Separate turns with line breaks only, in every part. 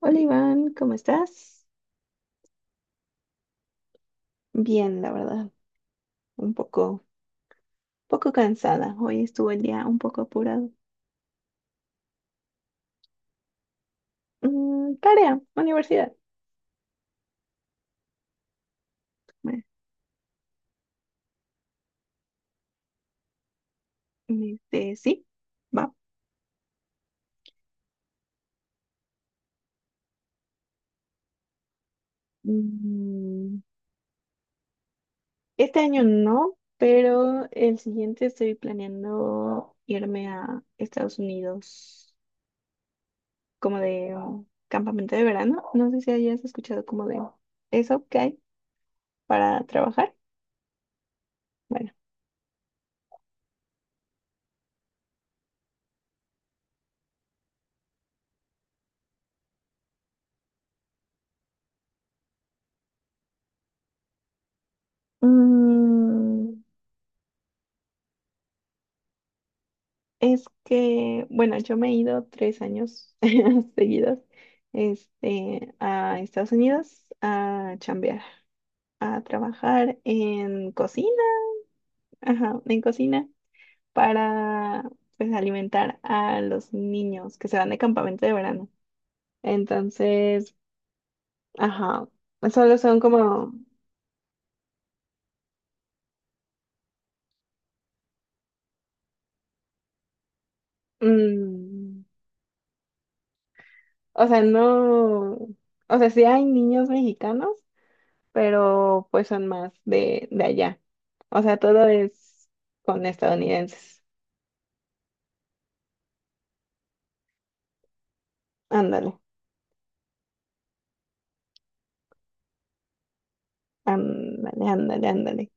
Hola Iván, ¿cómo estás? Bien, la verdad, un poco cansada. Hoy estuvo el día un poco apurado. Tarea, universidad. Me- sí, va. Mm, este año no, pero el siguiente estoy planeando irme a Estados Unidos como de campamento de verano. No sé si hayas escuchado como de eso que hay para trabajar. Bueno. Mm, Es que, bueno, yo me he ido 3 años seguidos, a Estados Unidos a chambear, a trabajar en cocina, ajá, en cocina para, pues, alimentar a los niños que se van de campamento de verano. Entonces, ajá, solo son como, mm, o sea, no, o sea, sí hay niños mexicanos, pero pues son más de allá. O sea, todo es con estadounidenses. Ándale, ándale, ándale, ándale.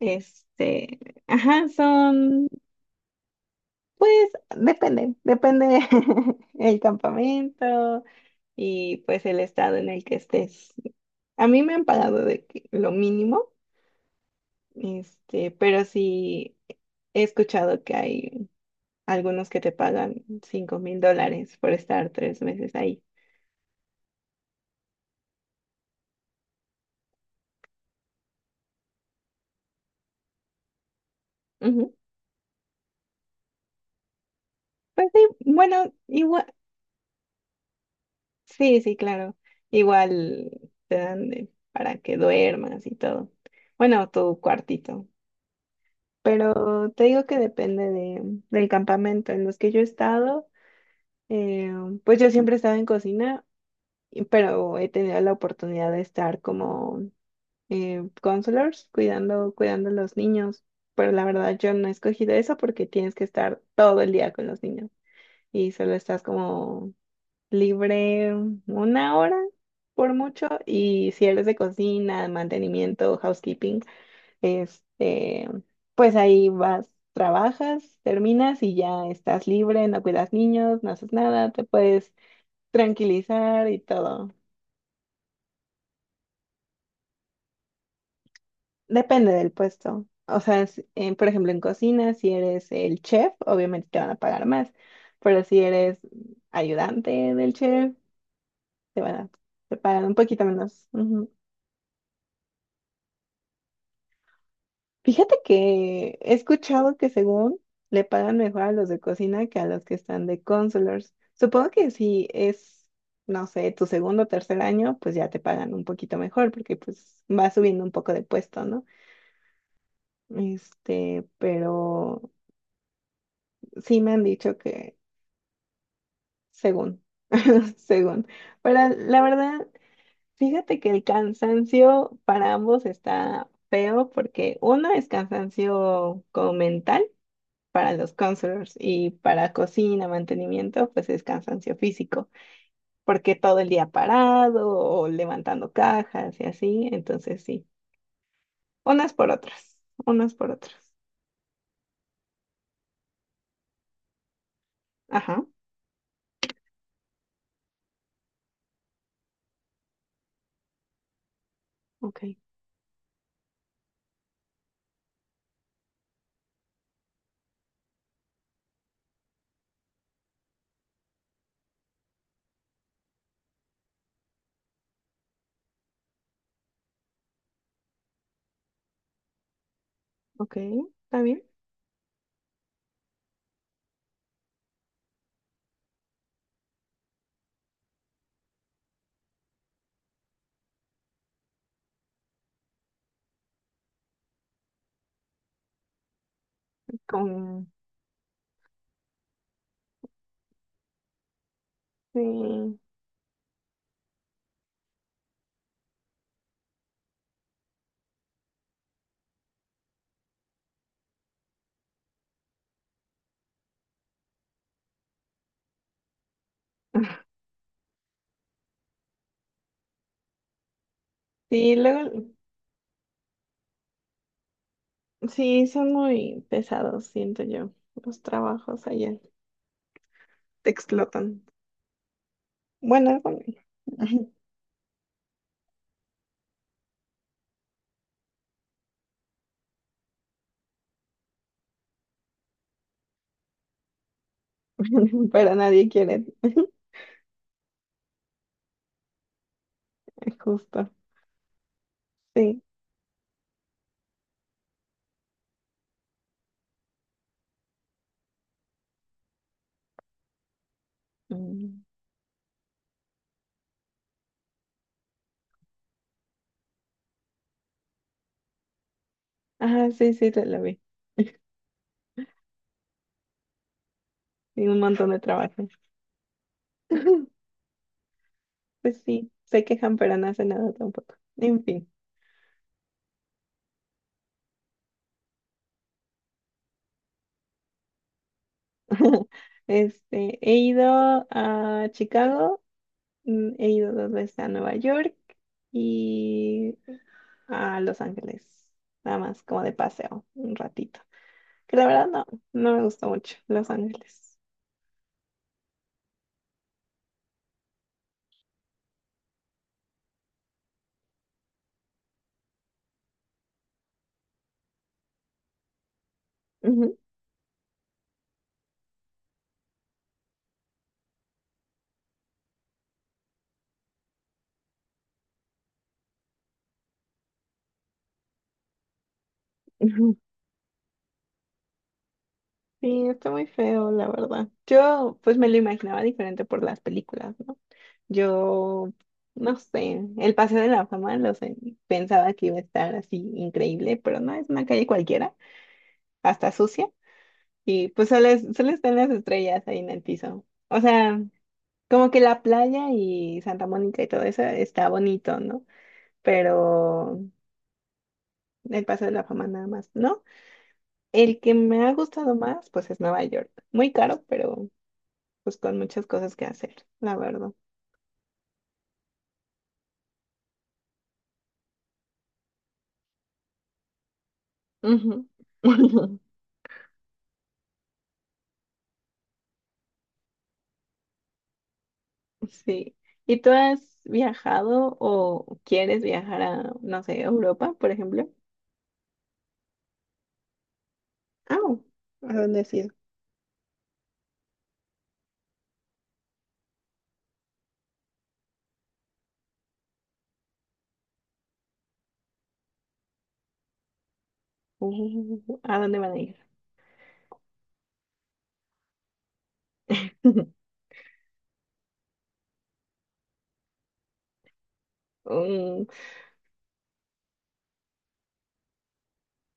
Este, ajá, son, pues, depende, depende el campamento y pues el estado en el que estés. A mí me han pagado de que lo mínimo, pero sí he escuchado que hay algunos que te pagan $5,000 por estar 3 meses ahí. Ujú. Pues sí, bueno, igual. Sí, sí, claro. Igual te dan para que duermas y todo. Bueno, tu cuartito. Pero te digo que depende de, del campamento en los que yo he estado. eh, pues yo siempre he estado en cocina, y- pero he tenido la oportunidad de estar como counselors, cuidando, cuidando a los niños. Pero la verdad yo no he escogido eso porque tienes que estar todo el día con los niños y solo estás como libre 1 hora por mucho y si eres de cocina, mantenimiento, housekeeping, este, pues ahí vas, trabajas, terminas y ya estás libre, no cuidas niños, no haces nada, te puedes tranquilizar y todo. Depende del puesto. O sea, por ejemplo, en cocina, si eres el chef, obviamente te van a pagar más, pero si eres ayudante del chef, te van a, te pagan un poquito menos. Fíjate que he escuchado que según le pagan mejor a los de cocina que a los que están de counselors. Supongo que si es, no sé, tu segundo o tercer año, pues ya te pagan un poquito mejor porque pues va subiendo un poco de puesto, ¿no? Pero sí me han dicho que según, según. Pero la verdad, fíjate que el cansancio para ambos está feo porque uno es cansancio como mental para los counselors y para cocina, mantenimiento, pues es cansancio físico, porque todo el día parado o levantando cajas y así, entonces sí, unas por otras, unas por otras. Ajá, ok, ok, está bien. Con... Sí, sí, luego, sí, son muy pesados, siento yo, los trabajos allá, te explotan. Bueno, algunos. Pero nadie quiere, justo, sí. Mm. Ajá, sí, sí, la vi. Tiene un montón de trabajo. Pues sí, se quejan, pero no hace nada tampoco. En fin. Este, he ido a Chicago, he ido dos veces a Nueva York y a Los Ángeles. Nada más, como de paseo, un ratito. Que la verdad no, no me gustó mucho Los Ángeles. Ujú, ujú. Sí, está muy feo, la verdad. Yo, pues me lo imaginaba diferente por las películas, ¿no? Yo, no sé, el Paseo de la Fama lo sé, pensaba que iba a estar así increíble, pero no, es una calle cualquiera, hasta sucia, y pues solo, es- solo están las estrellas ahí en el piso. O sea, como que la playa y Santa Mónica y todo eso está bonito, ¿no? Pero el Paseo de la Fama nada más, ¿no? El que me ha gustado más, pues es Nueva York. Muy caro, pero pues con muchas cosas que hacer, la verdad. Ujú. Sí. ¿Y tú has viajado o quieres viajar a, no sé, Europa, por ejemplo? Ah, ¿a dónde has ido? Uh, ¿a dónde van a ir? Mm,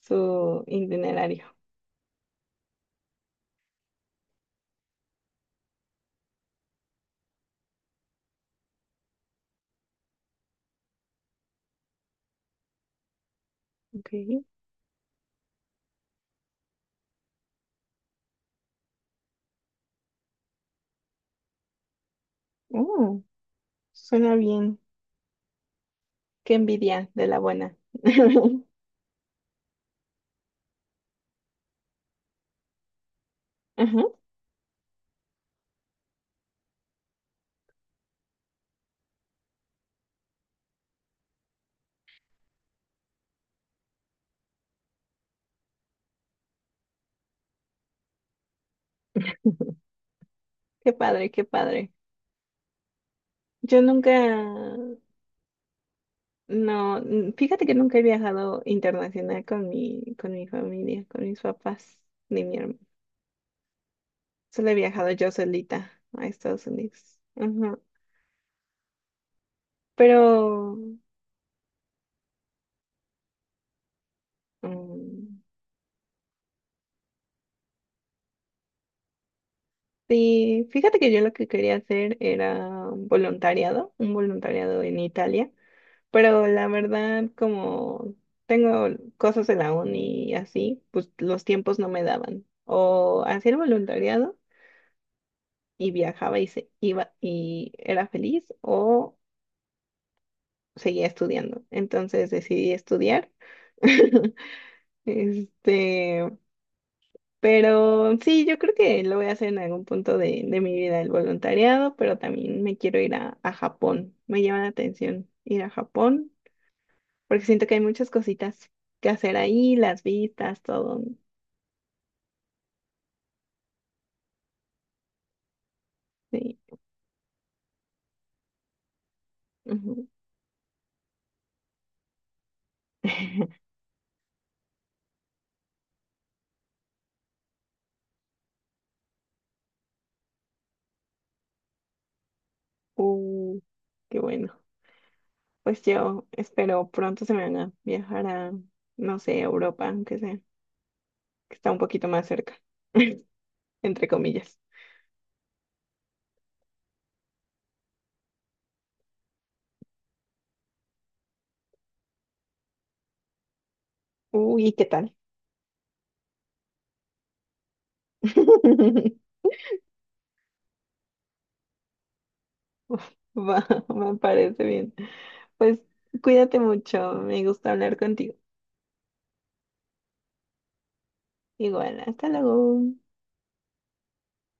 Su itinerario. Okay. Oh, suena bien. Qué envidia de la buena. Ajá. Qué padre, qué padre. Yo nunca, no, n- fíjate que nunca he viajado internacional con mi familia, con mis papás, ni mi hermano. Solo he viajado yo solita a Estados Unidos. Ujú. Pero mm, sí, fíjate que yo lo que quería hacer era un voluntariado en Italia, pero la verdad como tengo cosas en la uni y así, pues los tiempos no me daban. O hacía el voluntariado y viajaba y se iba y era feliz o seguía estudiando. Entonces decidí estudiar. Este, pero sí, yo creo que lo voy a hacer en algún punto de mi vida, el voluntariado, pero también me quiero ir a Japón. Me llama la atención ir a Japón, porque siento que hay muchas cositas que hacer ahí, las vistas, todo. Sí. Ujú. Uh, Qué bueno. Pues yo espero pronto se me van a viajar a, no sé, a Europa, aunque sea, que está un poquito más cerca, entre comillas. Uy, ¿qué tal? Va, me parece bien. Pues cuídate mucho, me gusta hablar contigo. Igual, hasta luego.